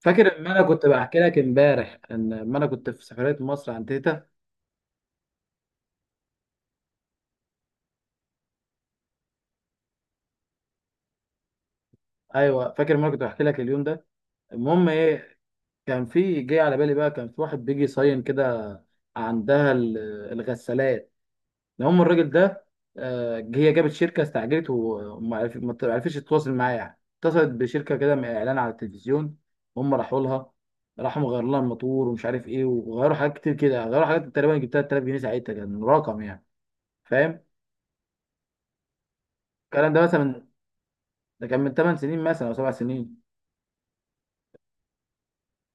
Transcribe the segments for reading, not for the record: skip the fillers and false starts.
فاكر ان انا كنت بحكي لك امبارح اما انا كنت في سفريه مصر عند تيتا. ايوه فاكر ان انا كنت بحكي لك اليوم ده. المهم ايه، كان في جاي على بالي بقى، كان في واحد بيجي يصين كده عندها الغسالات. المهم الراجل ده، هي جابت شركه استعجلت وما عرف- ما عرفتش تتواصل معايا يعني. اتصلت بشركه كده من اعلان على التلفزيون. هم راحوا لها، راحوا مغيروا لها الموتور ومش عارف ايه، وغيروا حاجات كتير كده. غيروا حاجات تقريبا جبتها 3000 جنيه، ساعتها كان رقم يعني فاهم. الكلام ده مثلا ده كان من 8 سنين مثلا او 7 سنين.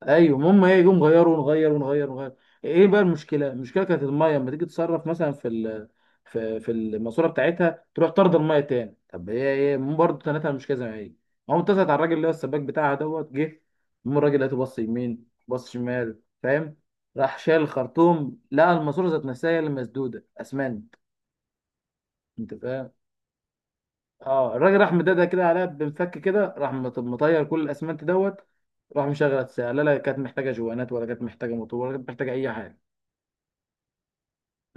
ايوه المهم ايه، يقوم غيروا ونغير ونغير ونغير. ايه بقى المشكله؟ المشكله كانت الميه لما تيجي تصرف مثلا في في الماسوره بتاعتها، تروح طرد الميه تاني. طب هي ايه برضه تنتها مش كذا ما هي. قام اتصلت على الراجل اللي هو السباك بتاعها دوت جه. المهم الراجل لقيته بص يمين بص شمال فاهم. راح شال الخرطوم، لقى الماسوره ذات نفسها هي اللي مسدوده اسمنت. انت فاهم. اه الراجل راح مدادها كده عليها بمفك كده، راح مطير كل الاسمنت دوت. راح مشغل الساعه، لا لا كانت محتاجه جوانات ولا كانت محتاجه موتور ولا كانت محتاجه اي حاجه.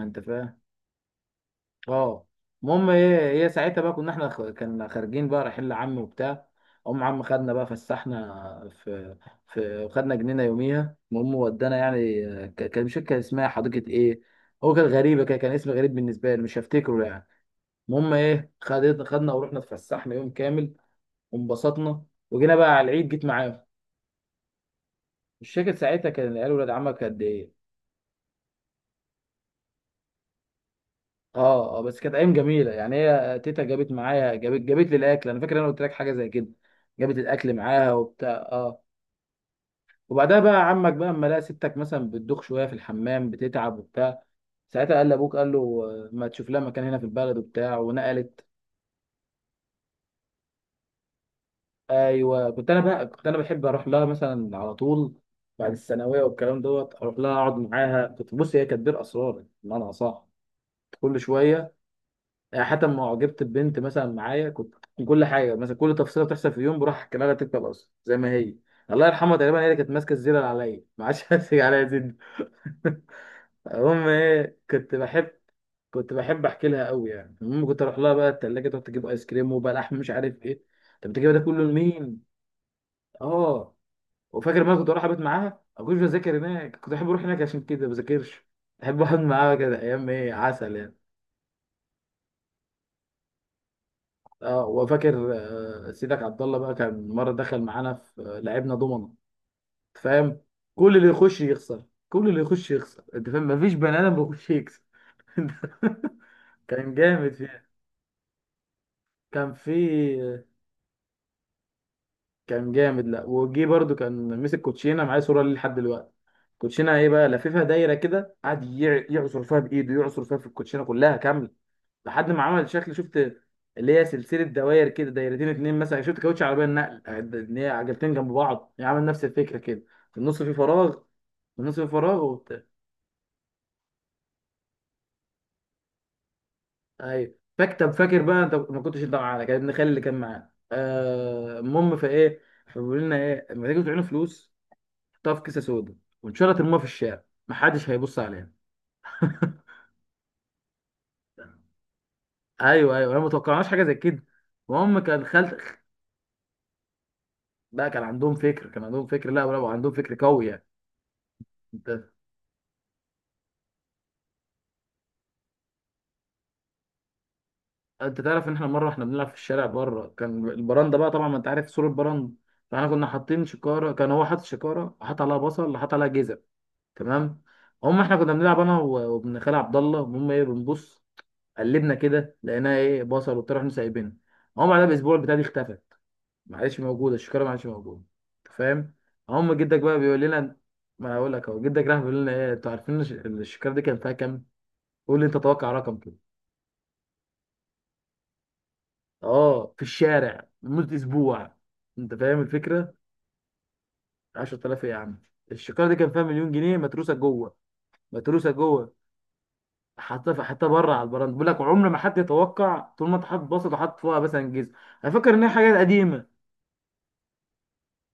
انت فاهم. اه المهم ايه، هي ساعتها بقى كنا احنا كنا خارجين بقى رايحين لعم وبتاع. ام عم خدنا بقى فسحنا في، في خدنا جنينه يوميها. المهم ودانا يعني كان مش فاكر كان اسمها حديقه ايه. هو كان غريبه كده، كان اسم غريب بالنسبه لي مش هفتكره يعني. المهم ايه خدت خدنا ورحنا اتفسحنا يوم كامل وانبسطنا، وجينا بقى على العيد جيت معاهم. مش فاكر ساعتها كان العيال ولاد عمك قد ايه. اه اه بس كانت ايام جميله يعني. هي تيتا جابت معايا، جابت لي الاكل. انا فاكر انا قلت لك حاجه زي كده. جابت الاكل معاها وبتاع اه. وبعدها بقى عمك بقى اما لقى ستك مثلا بتدوخ شويه في الحمام بتتعب وبتاع، ساعتها قال لابوك قال له ما تشوف لها مكان هنا في البلد وبتاع، ونقلت. ايوه كنت انا بحب اروح لها مثلا على طول، بعد الثانويه والكلام دوت، اروح لها اقعد معاها. كنت بص هي كانت بير اسرار بمعنى صح. كل شويه يعني حتى لما اعجبت ببنت مثلا معايا كنت كل حاجه مثلا كل تفصيله بتحصل في يوم بروح احكي لها تلك الاصل زي ما هي. الله يرحمها تقريبا هي اللي كانت ماسكه الزينه اللي عليا ما عادش هتسيج عليا زين. المهم ايه كنت بحب احكي لها قوي يعني. المهم كنت اروح لها بقى التلاجه تقعد تجيب ايس كريم وبلح مش عارف ايه. طب بتجيب ده كله لمين؟ اه وفاكر ما كنت اروح ابات معاها، ما كنتش بذاكر هناك، كنت احب اروح هناك عشان كده ما بذاكرش، احب اقعد معاها كده. ايام ايه عسل يعني. اه وفاكر سيدك عبد الله بقى كان مره دخل معانا في، لعبنا دومنه. أنت فاهم. كل اللي يخش يخسر، كل اللي يخش يخسر. انت فاهم مفيش بني ادم بيخش يكسب. كان جامد فيها. كان في كان جامد. لا وجي برضو كان مسك كوتشينه معايا، صوره ليه لحد دلوقتي. كوتشينه ايه بقى، لففها دايره كده، قعد يعصر فيها بايده، يعصر فيها في الكوتشينه كلها كامله لحد ما عمل شكل شفت، اللي هي سلسله دوائر كده، دايرتين اتنين مثلا شفت كاوتش عربيه النقل ان هي عجلتين جنب بعض يعمل نفس الفكره كده. في النص في فراغ، في النص في فراغ وبتاع. ايوه فاكر بقى انت ما كنتش انت معانا كان ابن خالي اللي كان معانا المهم فايه، فبيقول لنا ايه لما تيجوا تعينوا فلوس حطها في كيسه سودا وان شاء الله ترموها في الشارع محدش هيبص عليها. ايوه ايوه انا ما توقعناش حاجه زي كده. المهم كان خالت بقى. كان عندهم فكر، كان عندهم فكر لا برافو، عندهم فكر قوي يعني. انت، انت تعرف ان احنا مره احنا بنلعب في الشارع بره، كان البرندة بقى طبعا ما انت عارف سور البرندة. فاحنا كنا حاطين شكاره، كان هو حاطط شكاره حاط عليها بصل حاط عليها جزر. تمام. هم احنا كنا بنلعب انا وابن خالي عبد الله. المهم ايه بنبص قلبنا كده لقيناها ايه بصل وبتاع، رحنا سايبينها. هم بعدها باسبوع البتاعه دي اختفت. ما عادش موجوده، الشكاره ما عادش موجوده. انت فاهم. هم جدك بقى بيقول لنا، ما انا هقول لك اهو. جدك راح بيقول لنا ايه، انتوا عارفين الشكاره دي كان فيها كام؟ قول لي انت، توقع رقم كده. اه في الشارع لمده اسبوع. انت فاهم الفكره. 10000 ايه يا عم؟ الشكاره دي كان فيها مليون جنيه، متروسه جوه، متروسه جوه. حاطها في، حاطها بره على البراند. بيقول لك عمر ما حد يتوقع طول ما انت حاطط بسط وحاطط فوقها مثلا جزء. انا فاكر ان هي حاجات قديمه.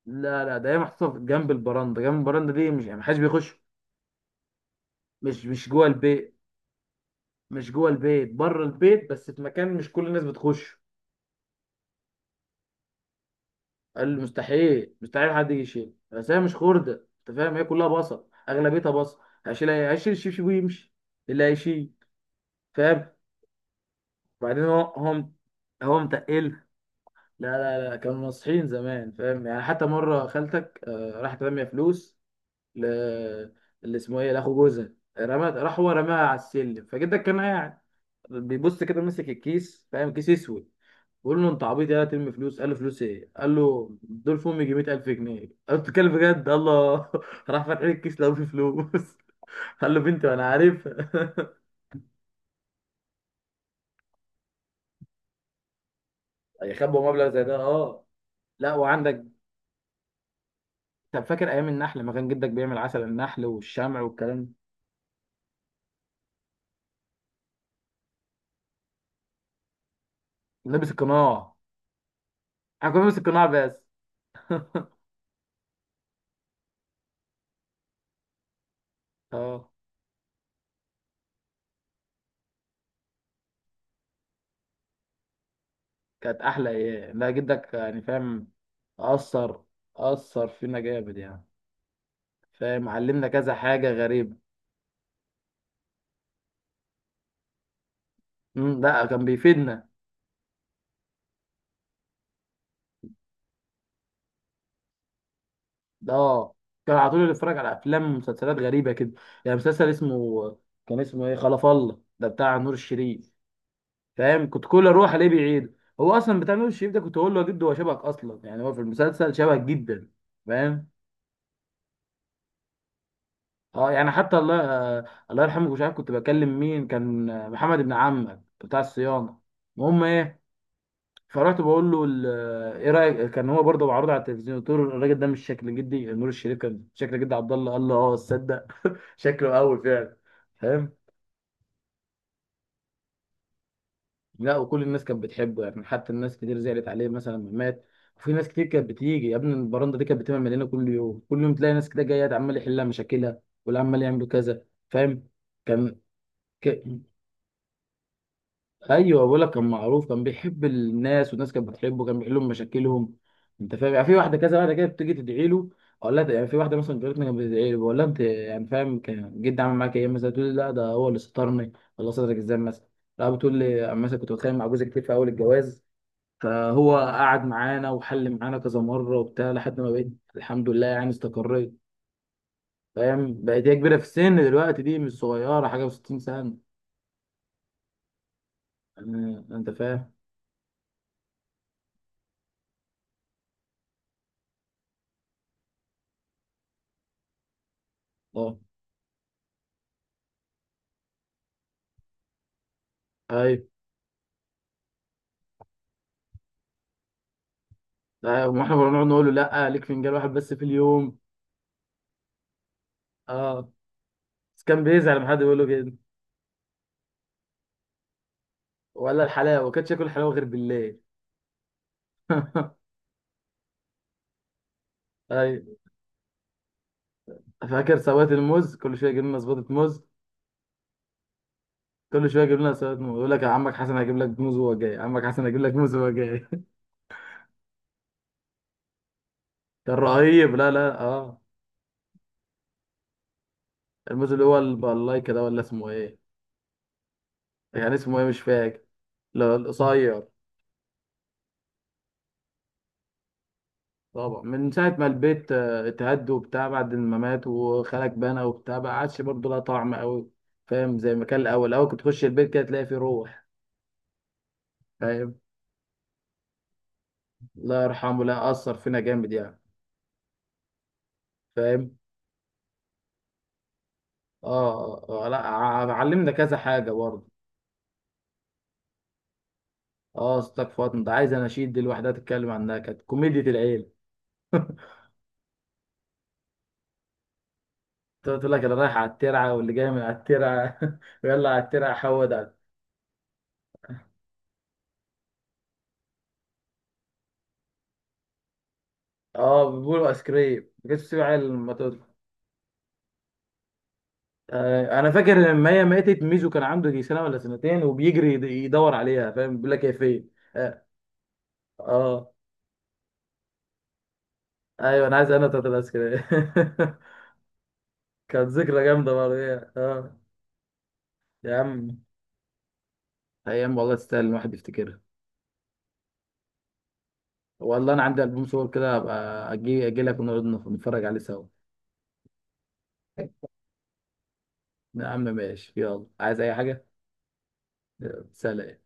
لا لا ده هي محطوطه جنب البراندة، جنب البراندة دي مش يعني محدش بيخش. مش جوه البيت. مش جوه البيت، بره البيت، بس في مكان مش كل الناس بتخش. قال لي مستحيل مستحيل حد يجي يشيل، بس هي مش خردة انت فاهم، هي كلها بصل اغلبيتها بصل. هشيل ايه، هشيل الشبشب ويمشي اللي هيشيل. فاهم. بعدين هو هو متقل. لا لا لا كانوا ناصحين زمان فاهم يعني. حتى مرة خالتك راحت رامية فلوس ل، اللي اسمه ايه، لاخو جوزها، رمت راح هو رماها على السلم. فجدك كان قاعد بيبص كده ماسك الكيس فاهم، كيس اسود. بقول له انت عبيط يا ترمي فلوس. قال له فلوس ايه؟ قال له دول في امي 100000 جنيه. قال له بتتكلم بجد؟ الله راح فاتح لي الكيس لقى فيه فلوس. قال له بنتي وانا عارف. يخبوا مبلغ زي ده اه. لا وعندك. طب فاكر ايام النحل لما كان جدك بيعمل عسل النحل والشمع والكلام؟ ده لابس القناع. احنا كنا بنلبس القناع بس. اه كانت احلى ايام لا جدك يعني فاهم. اثر اثر فينا جامد يعني. فاهم، علمنا كذا حاجه غريبه. لا كان بيفيدنا اه. كان على طول بيتفرج على افلام ومسلسلات غريبه كده. يعني مسلسل اسمه، كان اسمه ايه، خلف الله ده بتاع نور الشريف. فاهم كنت كل اروح الاقيه بيعيد. هو اصلا بتاع نور الشريف ده، كنت اقول له يا جد هو شبهك اصلا يعني هو في المسلسل شبهك جدا. فاهم. اه يعني حتى الله الله يرحمه. مش عارف كنت بكلم مين، كان محمد ابن عمك بتاع الصيانه. المهم ايه، فرحت بقول له ايه رايك، كان هو برضه معروض على التلفزيون. قلت له الراجل ده مش شكل جدي؟ نور الشريف كان شكل جدي عبد الله. قال له اه تصدق شكله قوي فعلا. فاهم. لا وكل الناس كانت بتحبه يعني، حتى الناس كتير زعلت عليه مثلا لما مات. وفي ناس كتير كانت بتيجي، يا ابني البرندة دي كانت بتبقى مليانة كل يوم كل يوم تلاقي ناس كده جاية عمال يحلها مشاكلها واللي عمال يعمل كذا. فاهم. كان ك- ايوه بقول لك كان معروف، كان بيحب الناس والناس كانت بتحبه، كان بيحل لهم مشاكلهم. انت فاهم. يعني في واحده، كذا واحده كده بتيجي تدعي له. اقول لها يعني في واحده مثلا جارتنا كانت بتدعي له، بقول لها انت يعني فاهم كان جدي عامل معاك ايه مثلا، تقول لي لا ده هو اللي سترني. الله سترك ازاي مثلا؟ لا بتقول لي أما مثلا كنت بتخانق مع جوزي كتير في اول الجواز، فهو قعد معانا وحل معانا كذا مره وبتاع لحد ما بقيت الحمد لله يعني استقريت. فاهم، بقت هي كبيره في السن دلوقتي دي، مش صغيره حاجه و60 سنه يعني. انت فاهم اه. ايوه. لا، واحنا كنا بنقعد نقول له لا ليك فنجان واحد بس في اليوم. اه بس كان بيزعل لما حد يقول له كده. ولا الحلاوه ما كانش ياكل حلاوه غير بالليل. ايوه فاكر سوات الموز، كل شويه يجيب لنا سباطه موز، كل شويه يجيب لنا سباطه موز. يقول لك يا عمك حسن هجيب لك موز وهو جاي، عمك حسن هجيب لك موز وهو جاي. كان رهيب لا لا اه. الموز اللي هو البلايكه ده ولا اسمه ايه؟ يعني اسمه ايه مش فاكر. لا القصير. طبعا من ساعة ما البيت اتهد وبتاع، بعد ما مات وخالك بنى وبتاع، ما عادش برضه لها طعم قوي. فاهم زي ما كان الأول، الأول كنت تخش البيت كده تلاقي فيه روح. فاهم. الله يرحمه لا أثر فينا جامد يعني. فاهم اه. لا علمنا كذا حاجة برضه. اه أصلك فاطمة ده عايز أناشيد دي لوحدها تتكلم عنها، كانت كوميديا العيلة. تقول لك اللي رايح على الترعة واللي جاي من على الترعة ويلا على الترعة حود اه. بيقولوا ايس كريم ما كانتش تسيب عيل. انا فاكر لما هي ماتت، ميزو كان عنده يجي سنه ولا سنتين وبيجري يدور عليها فاهم، بيقول لك هي فين. اه آه. ايوه انا عايز، انا بتاعت العسكريه. كانت ذكرى جامده برضه هي. اه. يا عم ايام والله تستاهل الواحد يفتكرها. والله انا عندي البوم صور كده، هبقى اجي اجي لك ونقعد نتفرج عليه سوا. يا عم ماشي يلا، عايز اي حاجه؟ يلا، سلام.